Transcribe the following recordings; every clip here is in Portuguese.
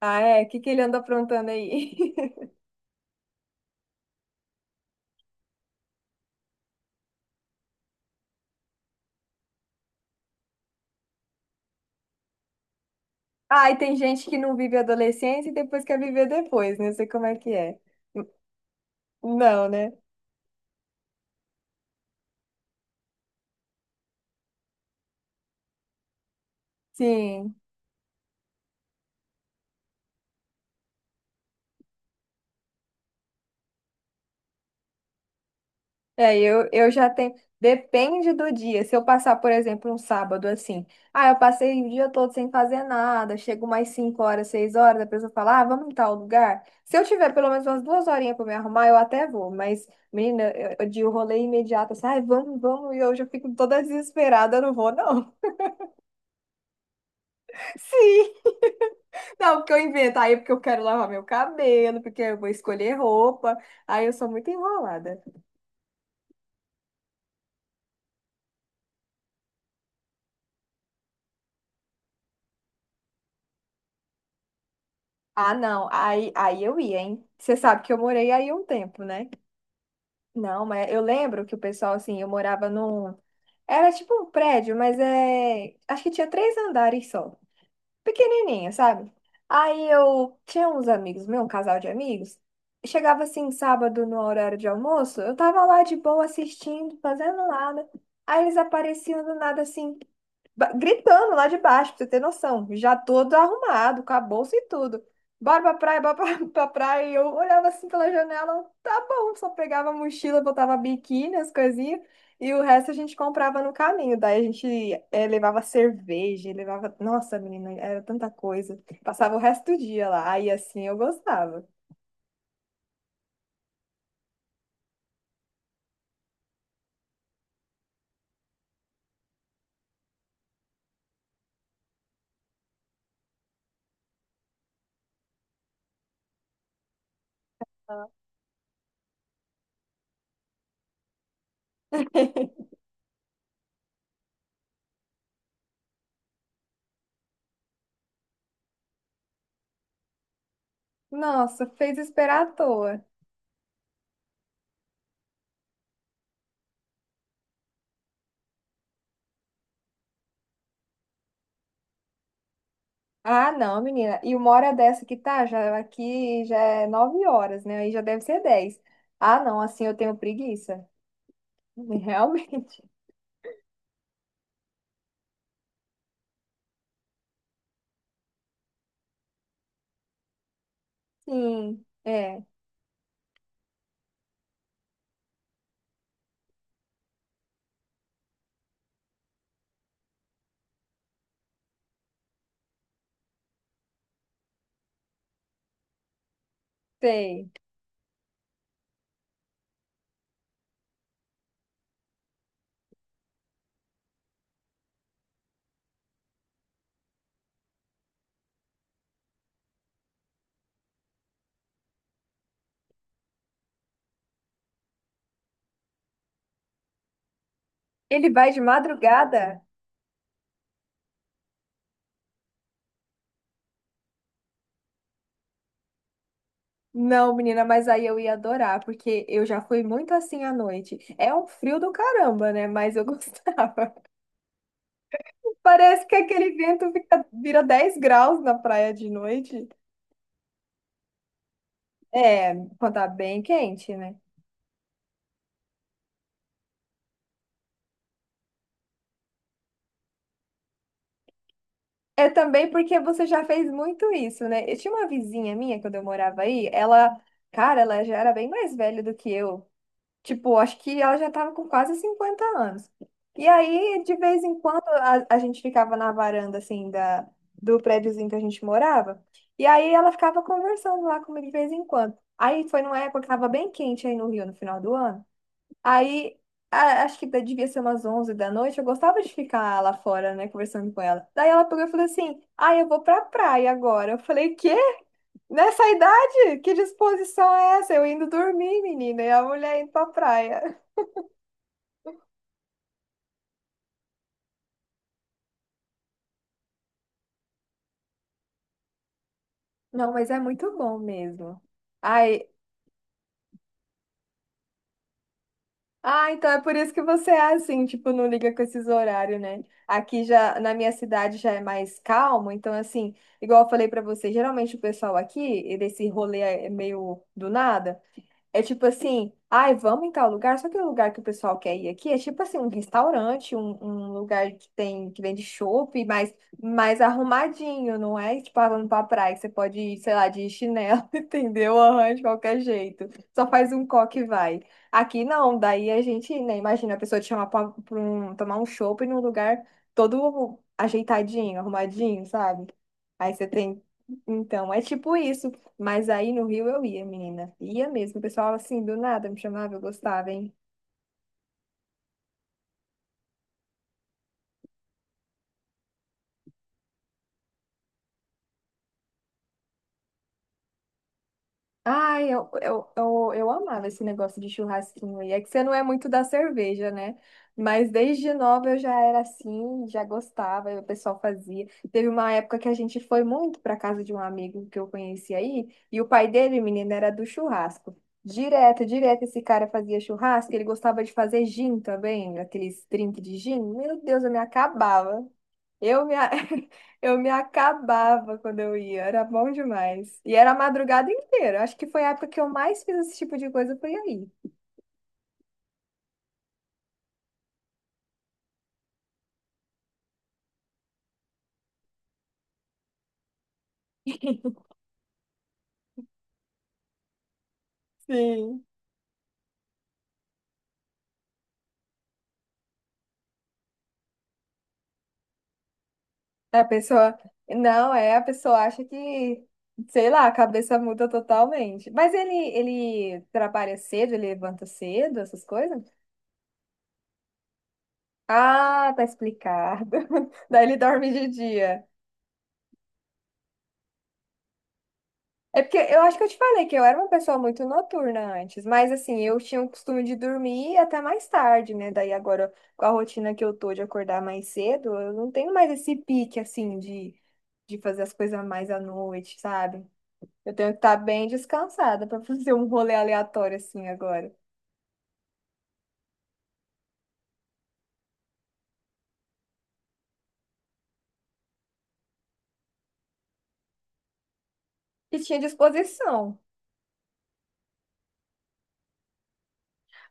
Ah, é? O que que ele anda aprontando aí? Ah, e tem gente que não vive a adolescência e depois quer viver depois, né? Não sei como é que é. Não, né? Sim. É, eu já tenho. Depende do dia. Se eu passar, por exemplo, um sábado assim. Ah, eu passei o dia todo sem fazer nada. Chego mais 5 horas, 6 horas. A pessoa fala, ah, vamos em tal lugar. Se eu tiver pelo menos umas 2 horinhas pra me arrumar, eu até vou. Mas, menina, de rolê imediato, assim, ai, vamos, vamos. E eu já fico toda desesperada, eu não vou, não. Sim. Não, porque eu invento. Aí é porque eu quero lavar meu cabelo, porque eu vou escolher roupa. Aí eu sou muito enrolada. Ah, não. Aí eu ia, hein? Você sabe que eu morei aí um tempo, né? Não, mas eu lembro que o pessoal, assim, eu morava num. Era tipo um prédio, mas é. Acho que tinha três andares só. Pequenininha, sabe? Aí eu tinha uns amigos meu, um casal de amigos. Chegava assim, sábado, no horário de almoço, eu tava lá de boa assistindo, fazendo nada. Aí eles apareciam do nada assim. Gritando lá de baixo, pra você ter noção. Já todo arrumado, com a bolsa e tudo. Bora pra praia, bora pra, pra praia. E eu olhava assim pela janela, tá bom. Só pegava a mochila, botava biquíni, as coisinhas. E o resto a gente comprava no caminho. Daí a gente levava cerveja, levava... Nossa, menina, era tanta coisa. Passava o resto do dia lá. Aí assim eu gostava. Nossa, fez esperar à toa. Ah, não, menina. E uma hora dessa que tá, já aqui já é 9 horas, né? Aí já deve ser 10. Ah, não, assim eu tenho preguiça. Realmente. Sim, é, sei. Ele vai de madrugada? Não, menina, mas aí eu ia adorar, porque eu já fui muito assim à noite. É um frio do caramba, né? Mas eu gostava. Parece que aquele vento vira 10 graus na praia de noite. É, quando tá bem quente, né? É também porque você já fez muito isso, né? Eu tinha uma vizinha minha quando eu morava aí, ela, cara, ela já era bem mais velha do que eu. Tipo, acho que ela já tava com quase 50 anos. E aí, de vez em quando, a gente ficava na varanda, assim, do prédiozinho que a gente morava. E aí ela ficava conversando lá comigo de vez em quando. Aí foi numa época que tava bem quente aí no Rio, no final do ano. Aí, acho que devia ser umas 11 da noite, eu gostava de ficar lá fora, né, conversando com ela. Daí ela pegou e falou assim: Ah, eu vou pra praia agora. Eu falei: Quê? Nessa idade? Que disposição é essa? Eu indo dormir, menina, e a mulher indo pra praia. Não, mas é muito bom mesmo. Ai. Ah, então é por isso que você é assim, tipo, não liga com esses horários, né? Aqui já, na minha cidade já é mais calmo, então assim, igual eu falei pra você, geralmente o pessoal aqui, desse rolê é meio do nada. É tipo assim, ai, vamos em tal lugar. Só que o lugar que o pessoal quer ir aqui é tipo assim, um restaurante, um lugar que tem que vende chopp, mas mais arrumadinho, não é? Tipo, falando pra praia, que você pode ir, sei lá, de chinelo, entendeu? Aham, de qualquer jeito. Só faz um coque e vai. Aqui não, daí a gente, né, imagina a pessoa te chamar pra tomar um chopp num lugar todo ajeitadinho, arrumadinho, sabe? Aí você tem. Então, é tipo isso. Mas aí no Rio eu ia, menina. Ia mesmo. O pessoal assim, do nada me chamava, eu gostava, hein? Ai, eu amava esse negócio de churrasquinho. E é que você não é muito da cerveja, né? Mas desde nova eu já era assim, já gostava, e o pessoal fazia. Teve uma época que a gente foi muito para casa de um amigo que eu conheci aí, e o pai dele, menina, era do churrasco. Direto, direto, esse cara fazia churrasco, ele gostava de fazer gin também, aqueles drink de gin. Meu Deus, eu me acabava. Eu me, a- eu me acabava quando eu ia, era bom demais. E era a madrugada inteira. Acho que foi a época que eu mais fiz esse tipo de coisa, foi aí. Sim. A pessoa. Não, é, a pessoa acha que, sei lá, a cabeça muda totalmente. Mas ele trabalha cedo, ele levanta cedo, essas coisas? Ah, tá explicado. Daí ele dorme de dia. É porque eu acho que eu te falei que eu era uma pessoa muito noturna antes, mas assim, eu tinha o costume de dormir até mais tarde, né? Daí agora, com a rotina que eu tô de acordar mais cedo, eu não tenho mais esse pique, assim, de fazer as coisas mais à noite, sabe? Eu tenho que estar bem descansada pra fazer um rolê aleatório assim agora. E tinha disposição.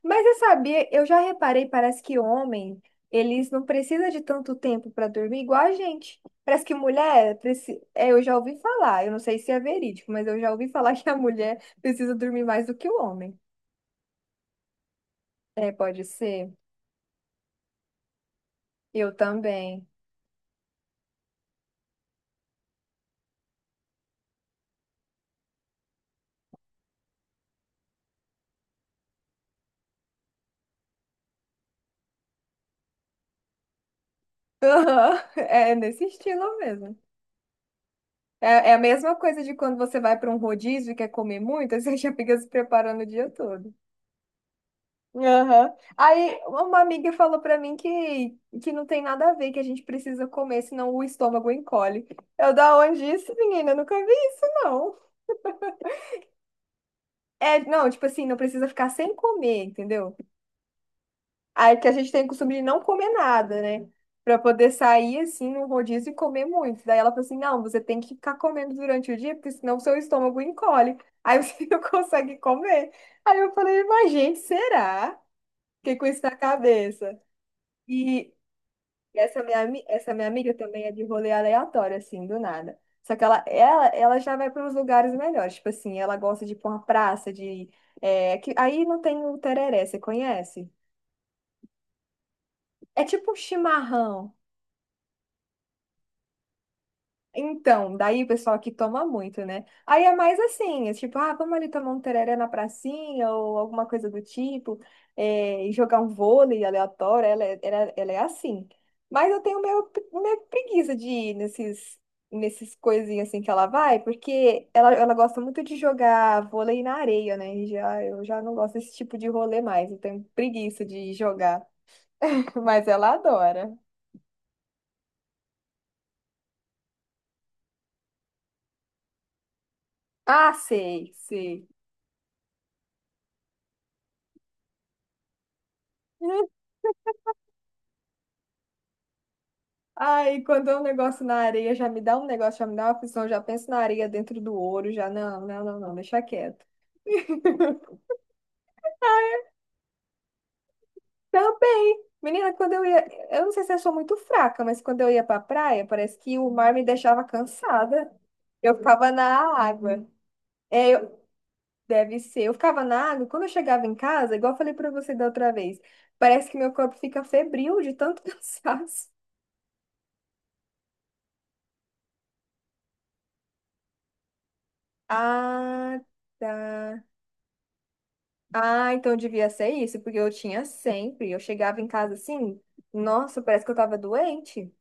Mas você sabia, eu já reparei, parece que homem, eles não precisam de tanto tempo para dormir igual a gente. Parece que mulher, eu já ouvi falar, eu não sei se é verídico, mas eu já ouvi falar que a mulher precisa dormir mais do que o homem. É, pode ser. Eu também. Aham. É nesse estilo mesmo. É, é a mesma coisa de quando você vai para um rodízio e quer comer muito, aí você já fica se preparando o dia todo. Aham. Aí uma amiga falou pra mim que, não tem nada a ver, que a gente precisa comer, senão o estômago encolhe. Eu, da onde isso, menina? Eu nunca vi isso, não. É, não, tipo assim, não precisa ficar sem comer, entendeu? Aí que a gente tem o costume de não comer nada, né? Pra poder sair assim no rodízio e comer muito. Daí ela falou assim: não, você tem que ficar comendo durante o dia, porque senão o seu estômago encolhe. Aí você não consegue comer. Aí eu falei, mas gente, será? Fiquei com isso na cabeça. E essa minha amiga também é de rolê aleatório, assim, do nada. Só que ela já vai para uns lugares melhores. Tipo assim, ela gosta de ir pra uma praça, de. É, que, aí não tem o tereré, você conhece? É tipo um chimarrão. Então, daí o pessoal que toma muito, né? Aí é mais assim, é tipo, ah, vamos ali tomar um tereré na pracinha ou alguma coisa do tipo, é, e jogar um vôlei aleatório, ela é, ela é assim. Mas eu tenho meio preguiça de ir nesses coisinhas assim que ela vai, porque ela gosta muito de jogar vôlei na areia, né? Eu já não gosto desse tipo de rolê mais, eu tenho preguiça de jogar. Mas ela adora. Ah, sei, sei. Ai, quando é um negócio na areia, já me dá um negócio, já me dá uma aflição, já penso na areia dentro do ouro, já não, não, não, não, deixa quieto. Também, menina, quando eu ia, eu não sei se eu sou muito fraca, mas quando eu ia pra praia, parece que o mar me deixava cansada. Eu ficava na água. É, deve ser. Eu ficava na água, quando eu chegava em casa, igual eu falei pra você da outra vez, parece que meu corpo fica febril de tanto cansaço. Ah, tá. Ah, então devia ser isso, porque eu tinha sempre. Eu chegava em casa assim, nossa, parece que eu tava doente.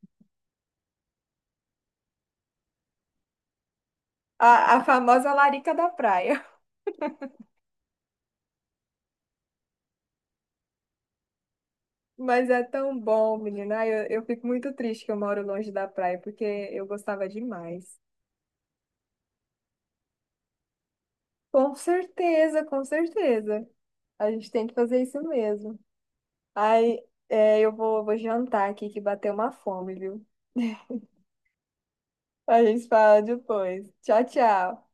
A famosa larica da praia. Mas é tão bom, menina. Ai, eu fico muito triste que eu moro longe da praia, porque eu gostava demais. Com certeza, com certeza. A gente tem que fazer isso mesmo. Aí, é, eu vou jantar aqui que bateu uma fome, viu? A gente fala depois. Tchau, tchau.